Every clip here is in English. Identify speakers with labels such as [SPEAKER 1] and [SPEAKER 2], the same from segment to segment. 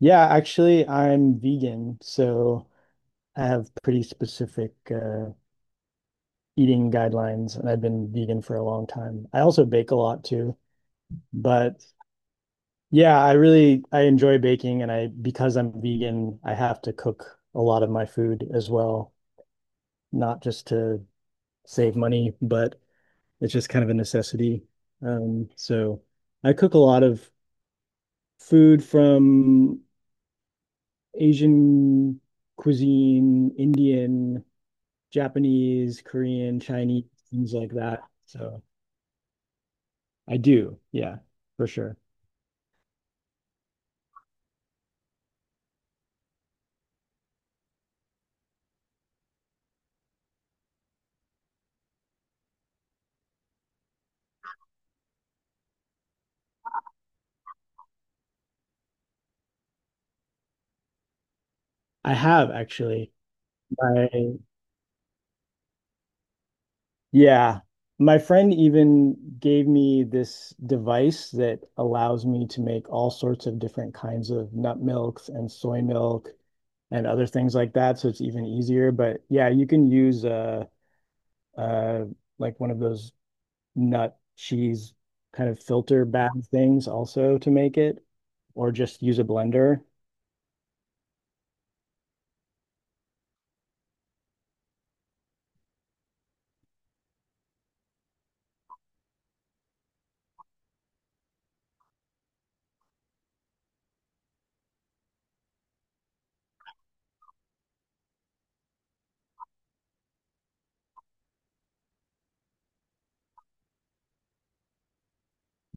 [SPEAKER 1] Yeah, actually, I'm vegan, so I have pretty specific eating guidelines, and I've been vegan for a long time. I also bake a lot too, but yeah, I enjoy baking, and I because I'm vegan, I have to cook a lot of my food as well, not just to save money, but it's just kind of a necessity. So I cook a lot of food from Asian cuisine, Indian, Japanese, Korean, Chinese, things like that. So I do, yeah, for sure. I have actually. My yeah, my friend even gave me this device that allows me to make all sorts of different kinds of nut milks and soy milk and other things like that. So it's even easier. But yeah, you can use uh like one of those nut cheese kind of filter bag things also to make it, or just use a blender.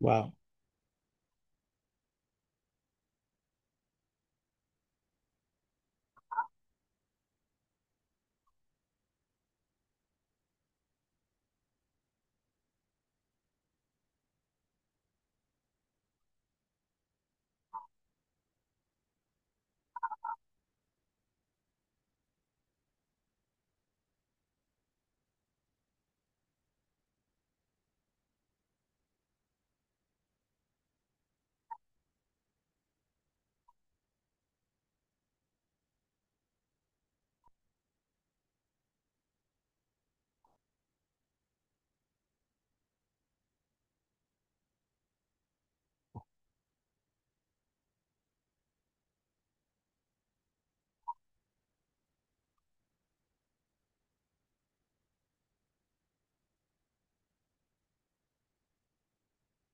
[SPEAKER 1] Wow.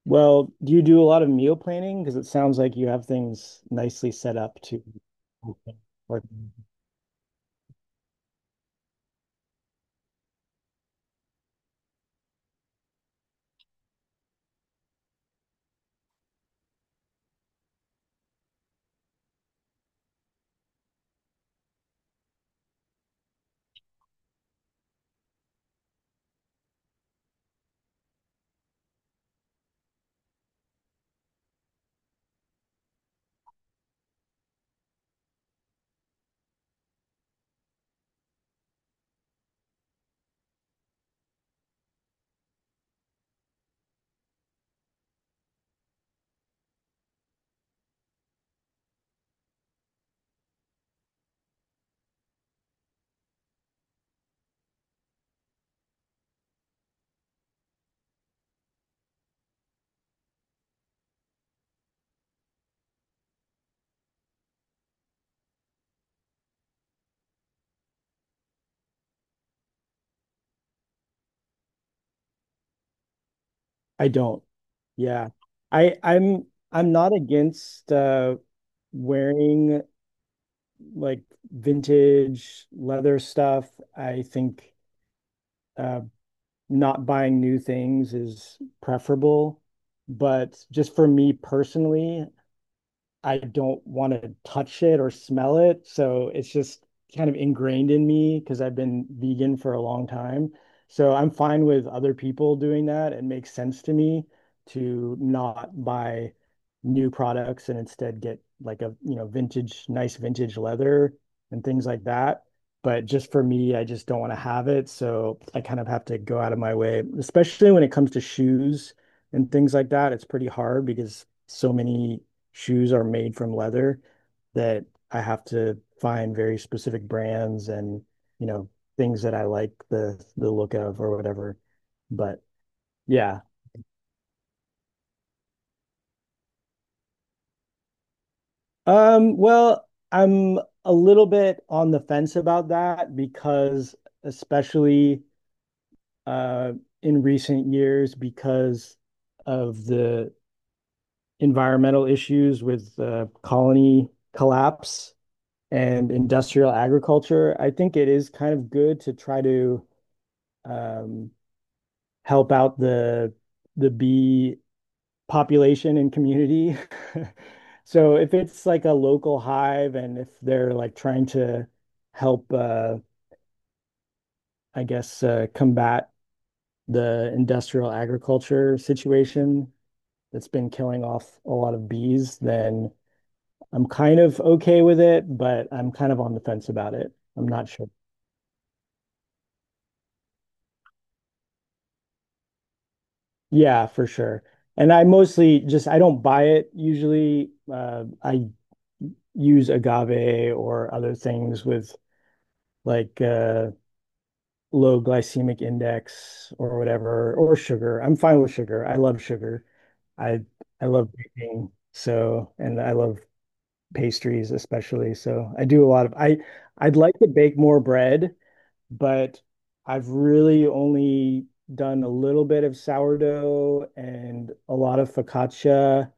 [SPEAKER 1] Well, do you do a lot of meal planning? Because it sounds like you have things nicely set up to, or I don't. Yeah. I'm not against wearing like vintage leather stuff. I think uh not buying new things is preferable, but just for me personally, I don't want to touch it or smell it. So it's just kind of ingrained in me because I've been vegan for a long time. So I'm fine with other people doing that. It makes sense to me to not buy new products and instead get like a, you know, vintage, nice vintage leather and things like that. But just for me, I just don't want to have it. So I kind of have to go out of my way, especially when it comes to shoes and things like that. It's pretty hard because so many shoes are made from leather that I have to find very specific brands and, you know, things that I like the look of or whatever. But yeah. Well, I'm a little bit on the fence about that because especially uh in recent years because of the environmental issues with the colony collapse and industrial agriculture, I think it is kind of good to try to um, help out the bee population and community. So if it's like a local hive and if they're like trying to help, I guess, combat the industrial agriculture situation that's been killing off a lot of bees, then I'm kind of okay with it, but I'm kind of on the fence about it. I'm not sure. Yeah, for sure. And I mostly just I don't buy it usually. I use agave or other things with like uh, low glycemic index or whatever, or sugar. I'm fine with sugar. I love sugar. I I love baking, so and I love pastries especially. So I do a lot of I I'd like to bake more bread but I've really only done a little bit of sourdough and a lot of focaccia.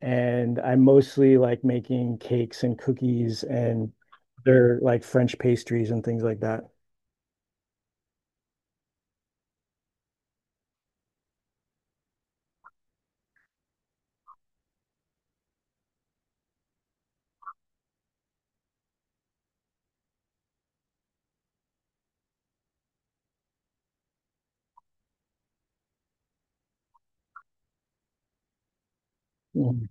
[SPEAKER 1] And I am mostly like making cakes and cookies and other like French pastries and things like that. Mm.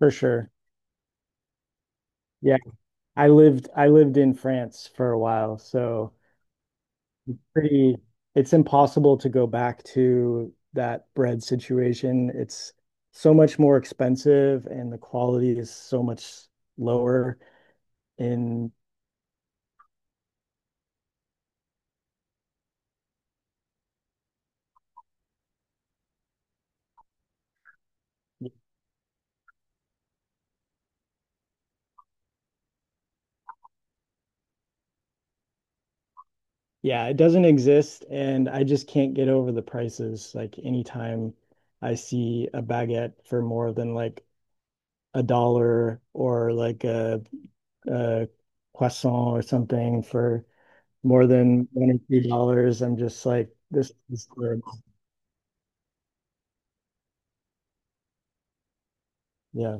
[SPEAKER 1] For sure. Yeah. I lived in France for a while, so pretty it's impossible to go back to that bread situation. It's so much more expensive and the quality is so much lower. And yeah, it doesn't exist, and I just can't get over the prices. Like anytime I see a baguette for more than like a dollar or like a croissant or something for more than $1 or $2, I'm just like, this is good. Yeah.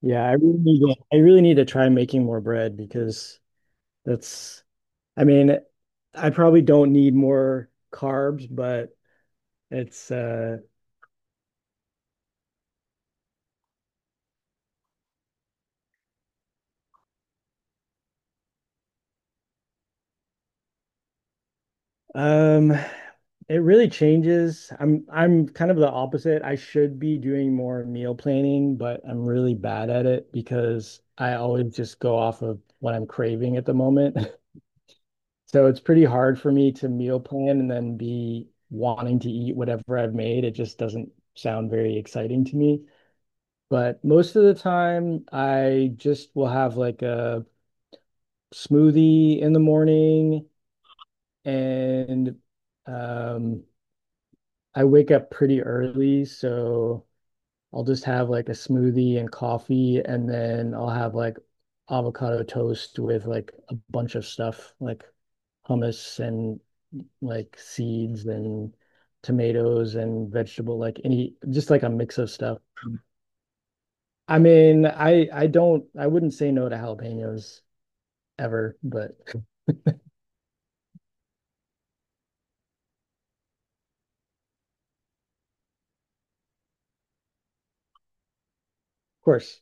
[SPEAKER 1] Yeah, I really need to try making more bread because that's, I mean, I probably don't need more carbs, but it's uh um it really changes. I'm kind of the opposite. I should be doing more meal planning, but I'm really bad at it because I always just go off of what I'm craving at the moment. So it's pretty hard for me to meal plan and then be wanting to eat whatever I've made. It just doesn't sound very exciting to me. But most of the time, I just will have like a smoothie in the morning and um I wake up pretty early, so I'll just have like a smoothie and coffee, and then I'll have like avocado toast with like a bunch of stuff, like hummus and like seeds and tomatoes and vegetable, like any just like a mix of stuff. I mean, I don't I wouldn't say no to jalapenos ever, but of course.